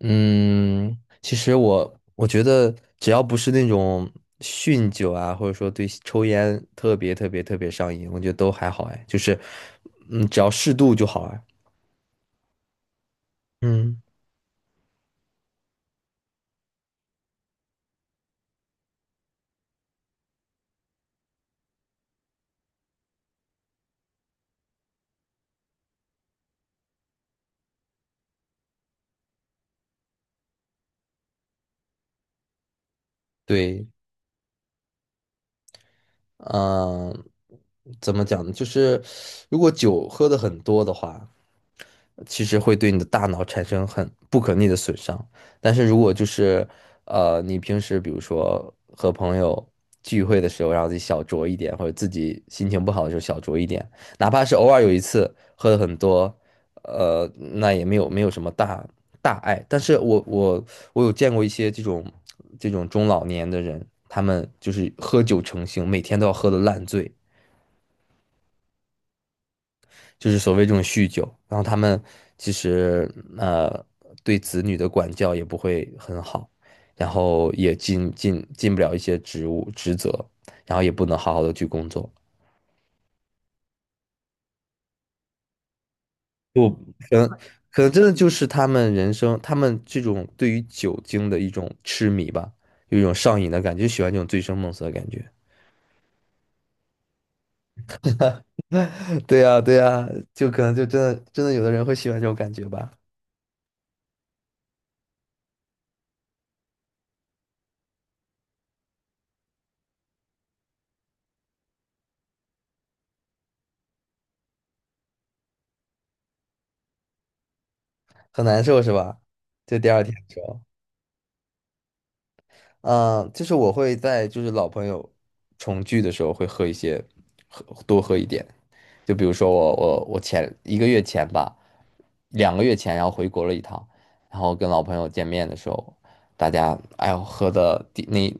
嗯，其实我觉得，只要不是那种酗酒啊，或者说对抽烟特别特别特别上瘾，我觉得都还好哎，就是，只要适度就好哎。嗯，对，嗯，怎么讲呢？就是如果酒喝的很多的话，其实会对你的大脑产生很不可逆的损伤。但是如果就是你平时比如说和朋友聚会的时候，让自己小酌一点，或者自己心情不好的时候小酌一点，哪怕是偶尔有一次喝的很多，那也没有什么大碍。但是我有见过一些这种中老年的人，他们就是喝酒成性，每天都要喝的烂醉。就是所谓这种酗酒，然后他们其实呃对子女的管教也不会很好，然后也尽不了一些职务职责，然后也不能好好的去工作，就可能可能真的就是他们人生，他们这种对于酒精的一种痴迷吧，有一种上瘾的感觉，就喜欢这种醉生梦死的感觉。对呀，对呀，就可能就真的有的人会喜欢这种感觉吧，很难受是吧？就第二天的时候。就是我会在就是老朋友重聚的时候会喝一些，喝多喝一点。就比如说我前1个月前吧，2个月前，然后回国了一趟，然后跟老朋友见面的时候，大家哎呦喝的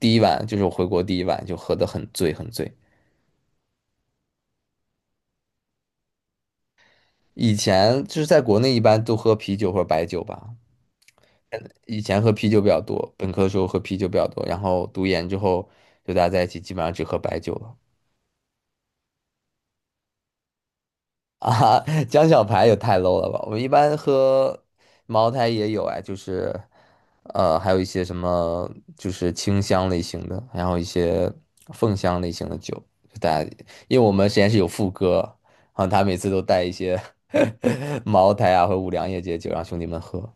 第一晚就是我回国第一晚就喝的很醉很醉。以前就是在国内一般都喝啤酒或者白酒吧，以前喝啤酒比较多，本科的时候喝啤酒比较多，然后读研之后就大家在一起基本上只喝白酒了。啊，江小排也太 low 了吧！我们一般喝茅台也有哎，就是还有一些什么就是清香类型的，然后一些凤香类型的酒。就大家，因为我们实验室有副歌，然后他每次都带一些 茅台啊和五粮液这些酒让兄弟们喝。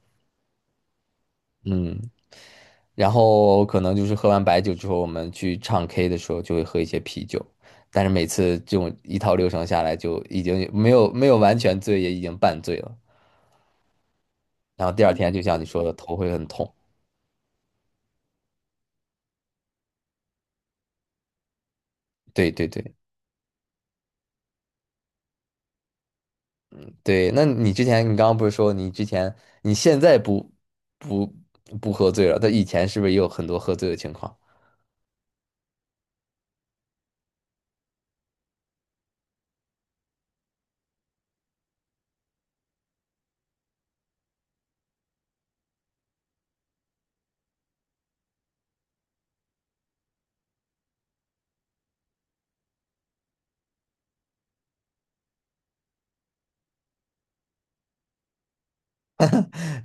嗯，然后可能就是喝完白酒之后，我们去唱 K 的时候就会喝一些啤酒，但是每次这种一套流程下来，就已经没有完全醉，也已经半醉了。然后第二天就像你说的，头会很痛。对对对对，那你之前你刚刚不是说你之前你现在不不喝醉了，但以前是不是也有很多喝醉的情况？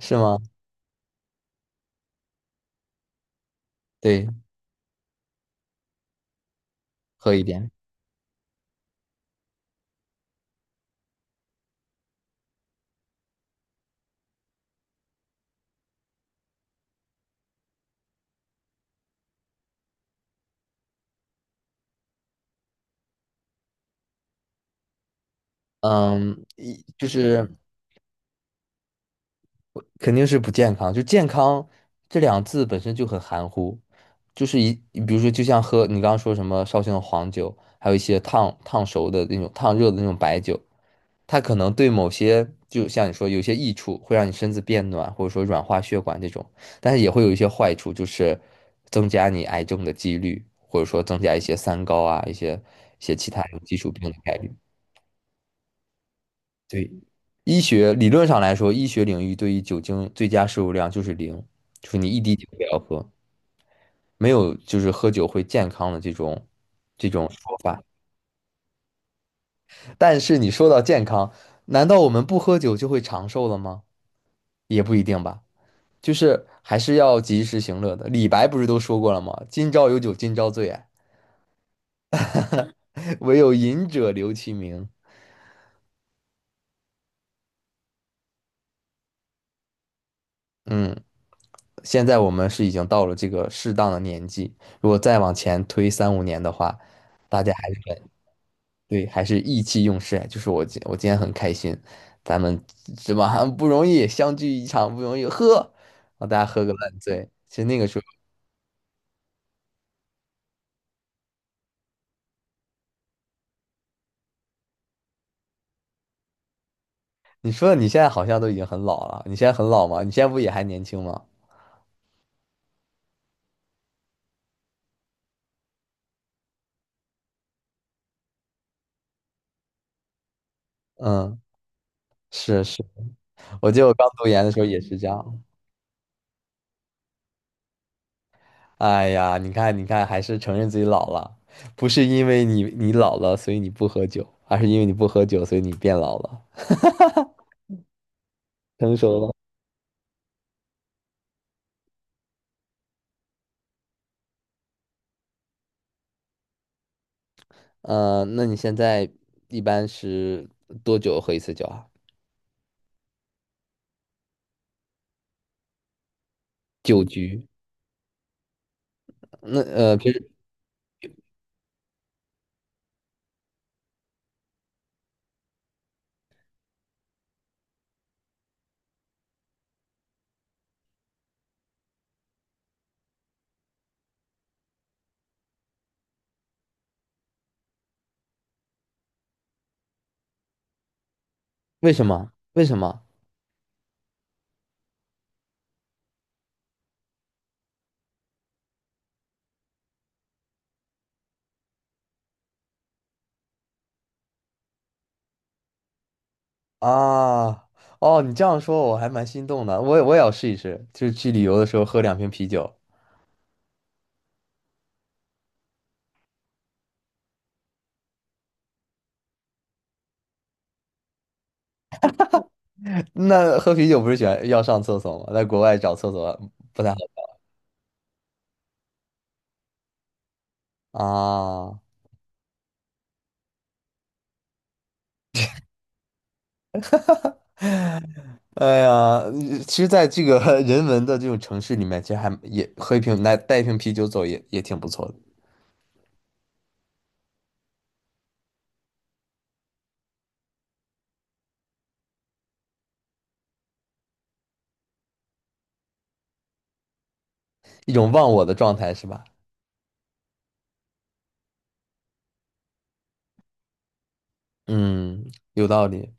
是吗？对，喝一点。就是肯定是不健康。就健康这两字本身就很含糊，就是比如说，就像你刚刚说什么绍兴的黄酒，还有一些烫烫熟的那种烫热的那种白酒，它可能对某些，就像你说，有些益处会让你身子变暖，或者说软化血管这种，但是也会有一些坏处，就是增加你癌症的几率，或者说增加一些三高啊，一些其他有基础病的概率。对，医学理论上来说，医学领域对于酒精最佳摄入量就是零，就是你一滴酒不要喝，没有就是喝酒会健康的这种说法。但是你说到健康，难道我们不喝酒就会长寿了吗？也不一定吧，就是还是要及时行乐的。李白不是都说过了吗？今朝有酒今朝醉啊，唯有饮者留其名。嗯。现在我们是已经到了这个适当的年纪，如果再往前推三五年的话，大家还是很对，还是意气用事。就是我今天很开心，咱们是吧？不容易相聚一场，不容易，喝，让大家喝个烂醉。其实那个时候，你说你现在好像都已经很老了，你现在很老吗？你现在不也还年轻吗？嗯，是是，我记得我刚读研的时候也是这样。哎呀，你看，你看，还是承认自己老了，不是因为你老了，所以你不喝酒，而是因为你不喝酒，所以你变老了，成熟了。那你现在一般是多久喝一次酒啊？酒局？那平时为什么？为什么啊？哦，你这样说我还蛮心动的，我也要试一试，就是去旅游的时候喝两瓶啤酒。那喝啤酒不是喜欢要上厕所吗？在国外找厕所不太好找啊。哎呀，其实，在这个 人文的这种城市里面，其实还也喝一瓶来带一瓶啤酒走也挺不错的，一种忘我的状态是吧？嗯，有道理。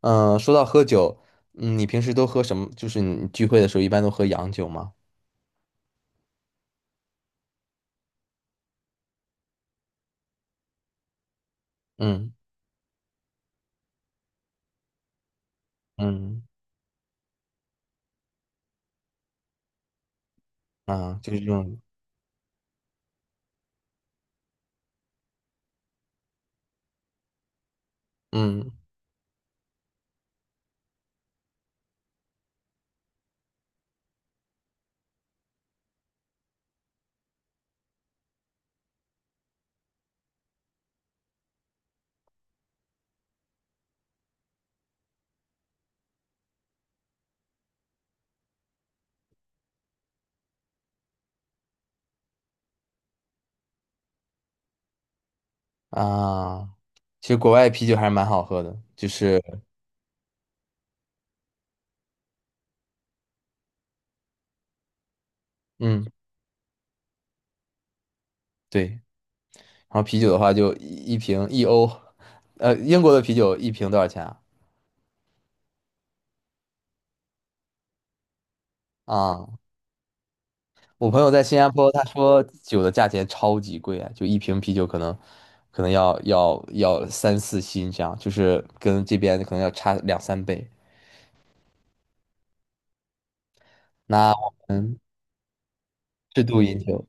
说到喝酒，你平时都喝什么？就是你聚会的时候一般都喝洋酒吗？嗯嗯啊，就是这种嗯啊，其实国外啤酒还是蛮好喝的，就是嗯对，然后啤酒的话就一瓶1欧，英国的啤酒一瓶多少钱啊？啊。我朋友在新加坡，他说酒的价钱超级贵啊，就一瓶啤酒可能可能要三四新这样，就是跟这边可能要差两三倍。那我们适度饮酒，